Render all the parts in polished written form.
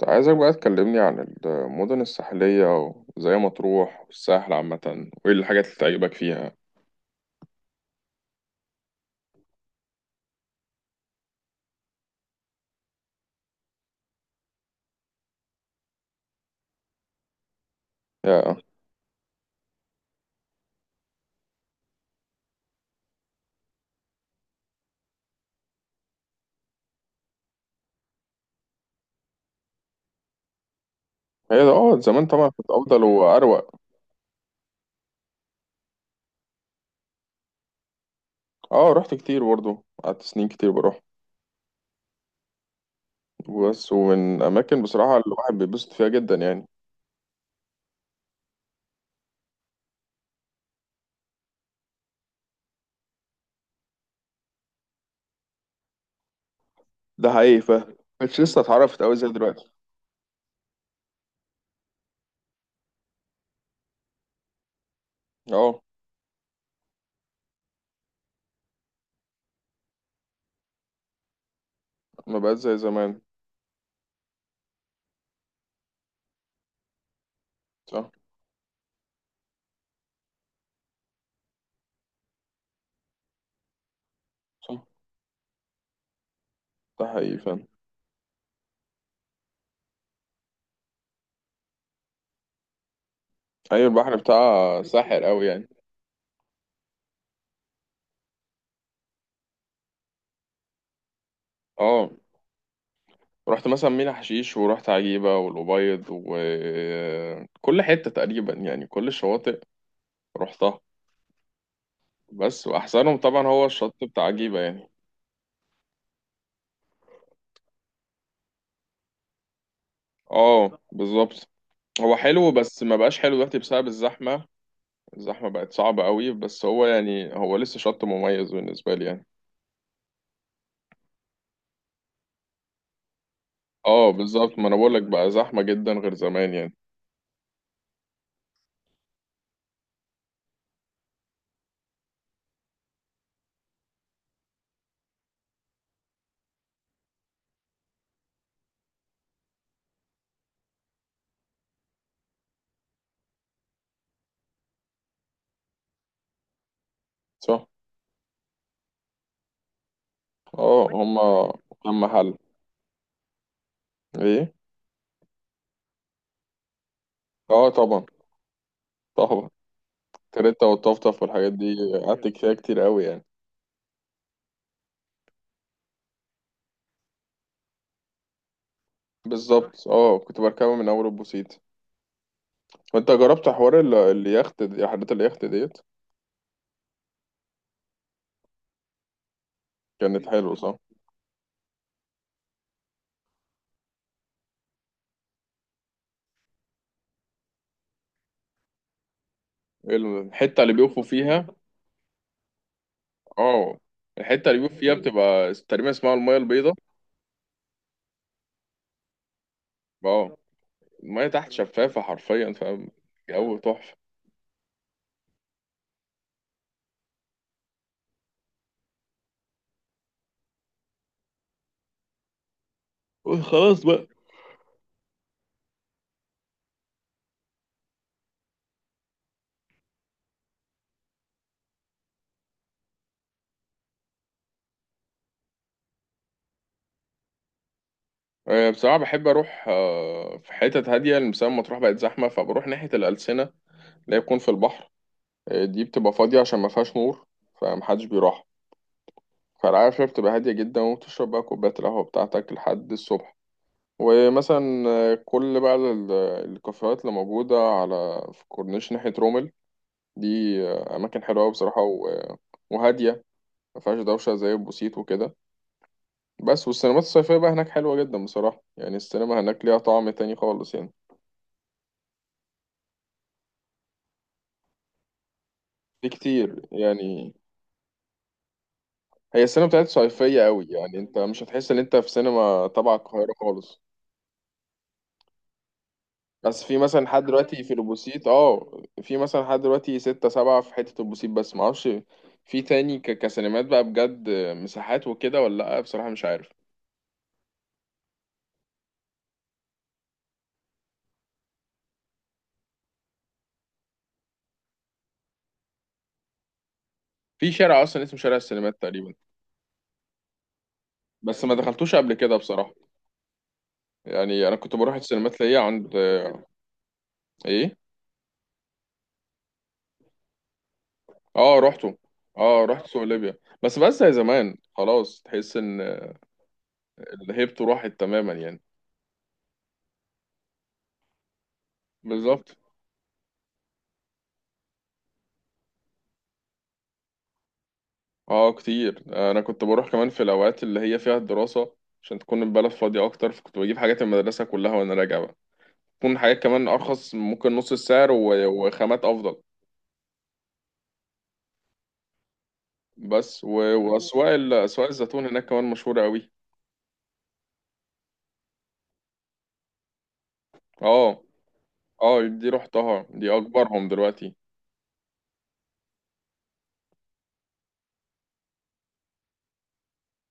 كنت عايزك بقى تكلمني عن المدن الساحلية، وزي مطروح والساحل عامة، وإيه الحاجات اللي تعجبك فيها؟ يا. هي ده زمان طبعا كنت أفضل وأروق. اه، رحت كتير برضه، قعدت سنين كتير بروح بس. ومن أماكن بصراحة اللي الواحد بيتبسط فيها جدا يعني. ده حقيقي مش لسه اتعرفت أوي زي دلوقتي. اه، ما بقت زي زمان. صح. صح، ده حقيقي فاهم. أيوة، البحر بتاعها ساحر أوي يعني. اه، رحت مثلا مينا حشيش ورحت عجيبة والأبيض وكل حتة تقريبا يعني كل الشواطئ رحتها بس. وأحسنهم طبعا هو الشط بتاع عجيبة يعني. اه، بالظبط. هو حلو بس ما بقاش حلو دلوقتي بسبب الزحمة. الزحمة بقت صعبة قوي، بس هو يعني هو لسه شط مميز بالنسبة لي يعني. اه بالظبط، ما انا بقولك بقى زحمة جدا غير زمان يعني. صح. اه. هما كام محل ايه؟ اه، طبعا، طبعا. تريتا والطفطف والحاجات دي. قعدت فيها كتير قوي يعني. بالظبط، اه، كنت بركبه من اول البوسيت. وانت جربت حوار رحلات اليخت ديت؟ كانت حلوه، صح؟ الحته اللي بيقفوا فيها. اه، الحته اللي بيقفوا فيها بتبقى تقريبا اسمها المايه البيضاء. اه، المايه تحت شفافه حرفيا، فاهم. جو تحفه. خلاص بقى. بصراحه بحب اروح في حتت هاديه، لسبب مطروح بقت زحمه، فبروح ناحيه الالسنه، اللي هي بتكون في البحر. دي بتبقى فاضيه عشان ما فيهاش نور. فمحدش بيروح. فالقعدة فيها بتبقى هادية جدا وبتشرب بقى كوباية القهوة بتاعتك لحد الصبح. ومثلا كل بقى الكافيهات اللي موجودة على في كورنيش ناحية رومل دي، أماكن حلوة أوي بصراحة وهادية. ما فيهاش دوشة زي البوسيت وكده. بس والسينمات الصيفية بقى هناك حلوة جدا بصراحة، يعني السينما هناك ليها طعم تاني خالص يعني. في كتير يعني. هي السينما بتاعت صيفية أوي، يعني أنت مش هتحس إن أنت في سينما تبع القاهرة خالص. بس في مثلا لحد دلوقتي في البوسيت في مثلا لحد دلوقتي ستة سبعة في حتة البوسيت، بس معرفش في تاني كسينمات بقى بجد، مساحات وكده، ولا لأ، بصراحة مش عارف. في شارع أصلا اسمه شارع السينمات تقريبا. بس ما دخلتوش قبل كده بصراحة. يعني أنا كنت بروح السينمات ليا عند. إيه؟ اه، روحته. اه، رحت سوق ليبيا. بس زي زمان خلاص، تحس إن الهيبت راحت تماما يعني. بالظبط. اه كتير، انا كنت بروح كمان في الاوقات اللي هي فيها الدراسه، عشان تكون البلد فاضيه اكتر، فكنت بجيب حاجات المدرسه كلها وانا راجع بقى. تكون حاجات كمان ارخص، ممكن نص السعر وخامات افضل. بس واسواق اسواق الزيتون هناك كمان مشهوره قوي. اه، اه، دي رحتها، دي اكبرهم دلوقتي.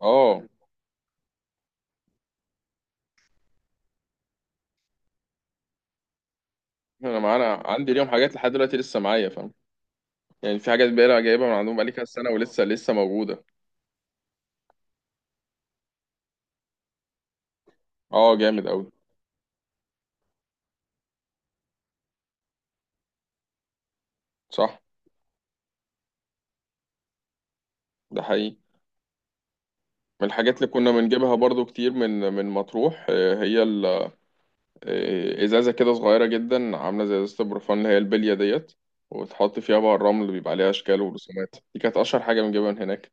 اه، انا معانا عندي ليهم حاجات لحد دلوقتي لسه معايا، فاهم. يعني في حاجات بقى جايبها من عندهم بقالي كذا سنه ولسه لسه موجوده. اه، جامد قوي. صح، ده حقيقي. من الحاجات اللي كنا بنجيبها برضو كتير من مطروح، هي ازازه كده صغيره جدا، عامله زي ازازه البروفان اللي هي البليه ديت، وتحط فيها بقى الرمل اللي بيبقى عليها اشكال ورسومات، دي كانت اشهر حاجه بنجيبها من هناك.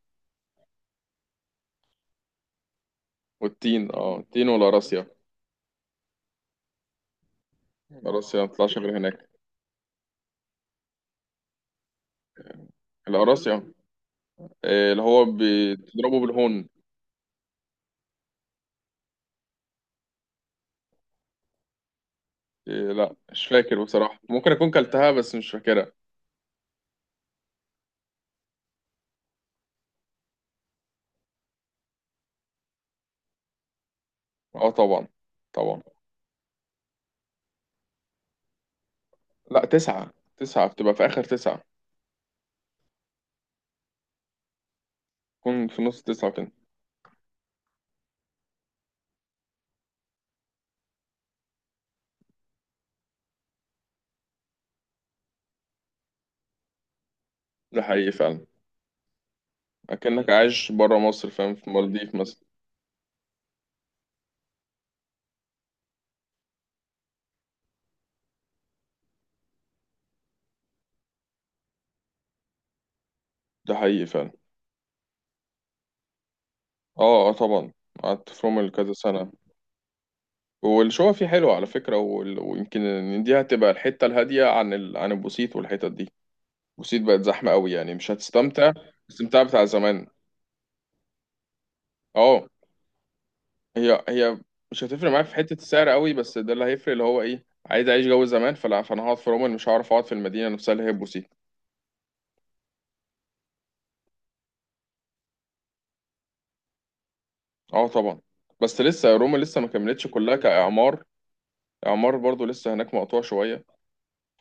والتين اه التين والقراصية. القراصية ما بتطلعش غير هناك. القراصية، اللي هو بتضربه بالهون. لا، مش فاكر بصراحه، ممكن اكون كلتها بس مش فاكرها. اه، طبعا، طبعا. لا، تسعه تسعه بتبقى في اخر تسعه. تكون في نص تسعه كده. ده حقيقي فعلا. اكنك عايش برا مصر، فاهم، في المالديف مثلا. ده حقيقي فعلا. اه، اه، طبعا. قعدت في رومل كذا سنة. والشقة فيه حلوة على فكرة، ويمكن إن دي هتبقى الحتة الهادية عن البوسيت والحتت دي. البوسيت بقت زحمة قوي، يعني مش هتستمتع الاستمتاع بتاع زمان. اه، هي مش هتفرق معاك في حتة السعر قوي، بس ده اللي هيفرق، اللي هو ايه، عايز اعيش جو زمان، فانا هقعد في رومل، مش هعرف اقعد في المدينة نفسها اللي هي البوسيت. اه، طبعا. بس لسه روما لسه ما كملتش كلها كإعمار. إعمار برضو لسه هناك مقطوع شوية.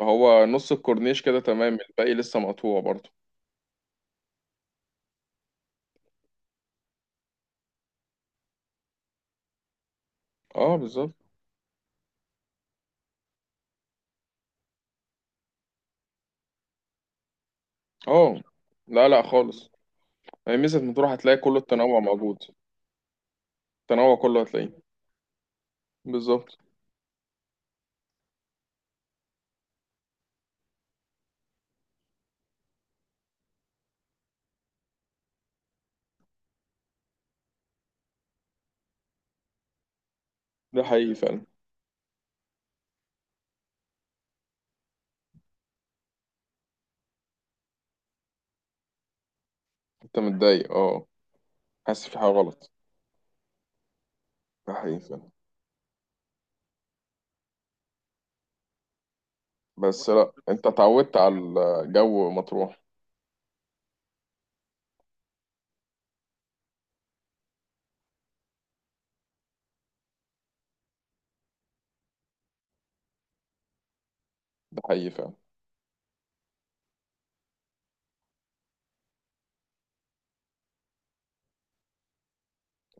هو نص الكورنيش كده تمام، الباقي لسه مقطوع برضه. اه، بالظبط. اه، لا، لا خالص. يعني ميزة مطروح هتلاقي كل التنوع موجود. التنوع كله هتلاقيه. بالظبط. ده حقيقي فعلا. انت متضايق، اه؟ حاسس في حاجة غلط؟ ده حقيقي فعلا. بس لا، انت اتعودت على الجو مطروح. ده حقيقي فعلا.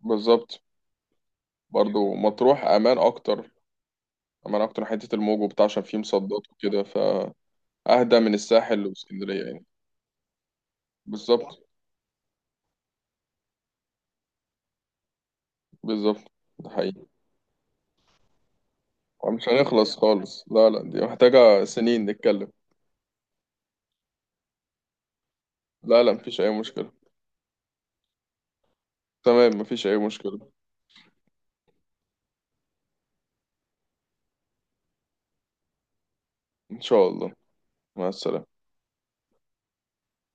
بالظبط. برضو مطروح امان اكتر. امان اكتر حتة الموج وبتاع، عشان فيه مصدات وكده فاهدى من الساحل واسكندرية يعني. بالظبط. بالظبط. ده حقيقي. مش هنخلص خالص، لا، لا، دي محتاجة سنين نتكلم. لا، لا، مفيش أي مشكلة. تمام، مفيش أي مشكلة. إن شاء الله. مع السلامة.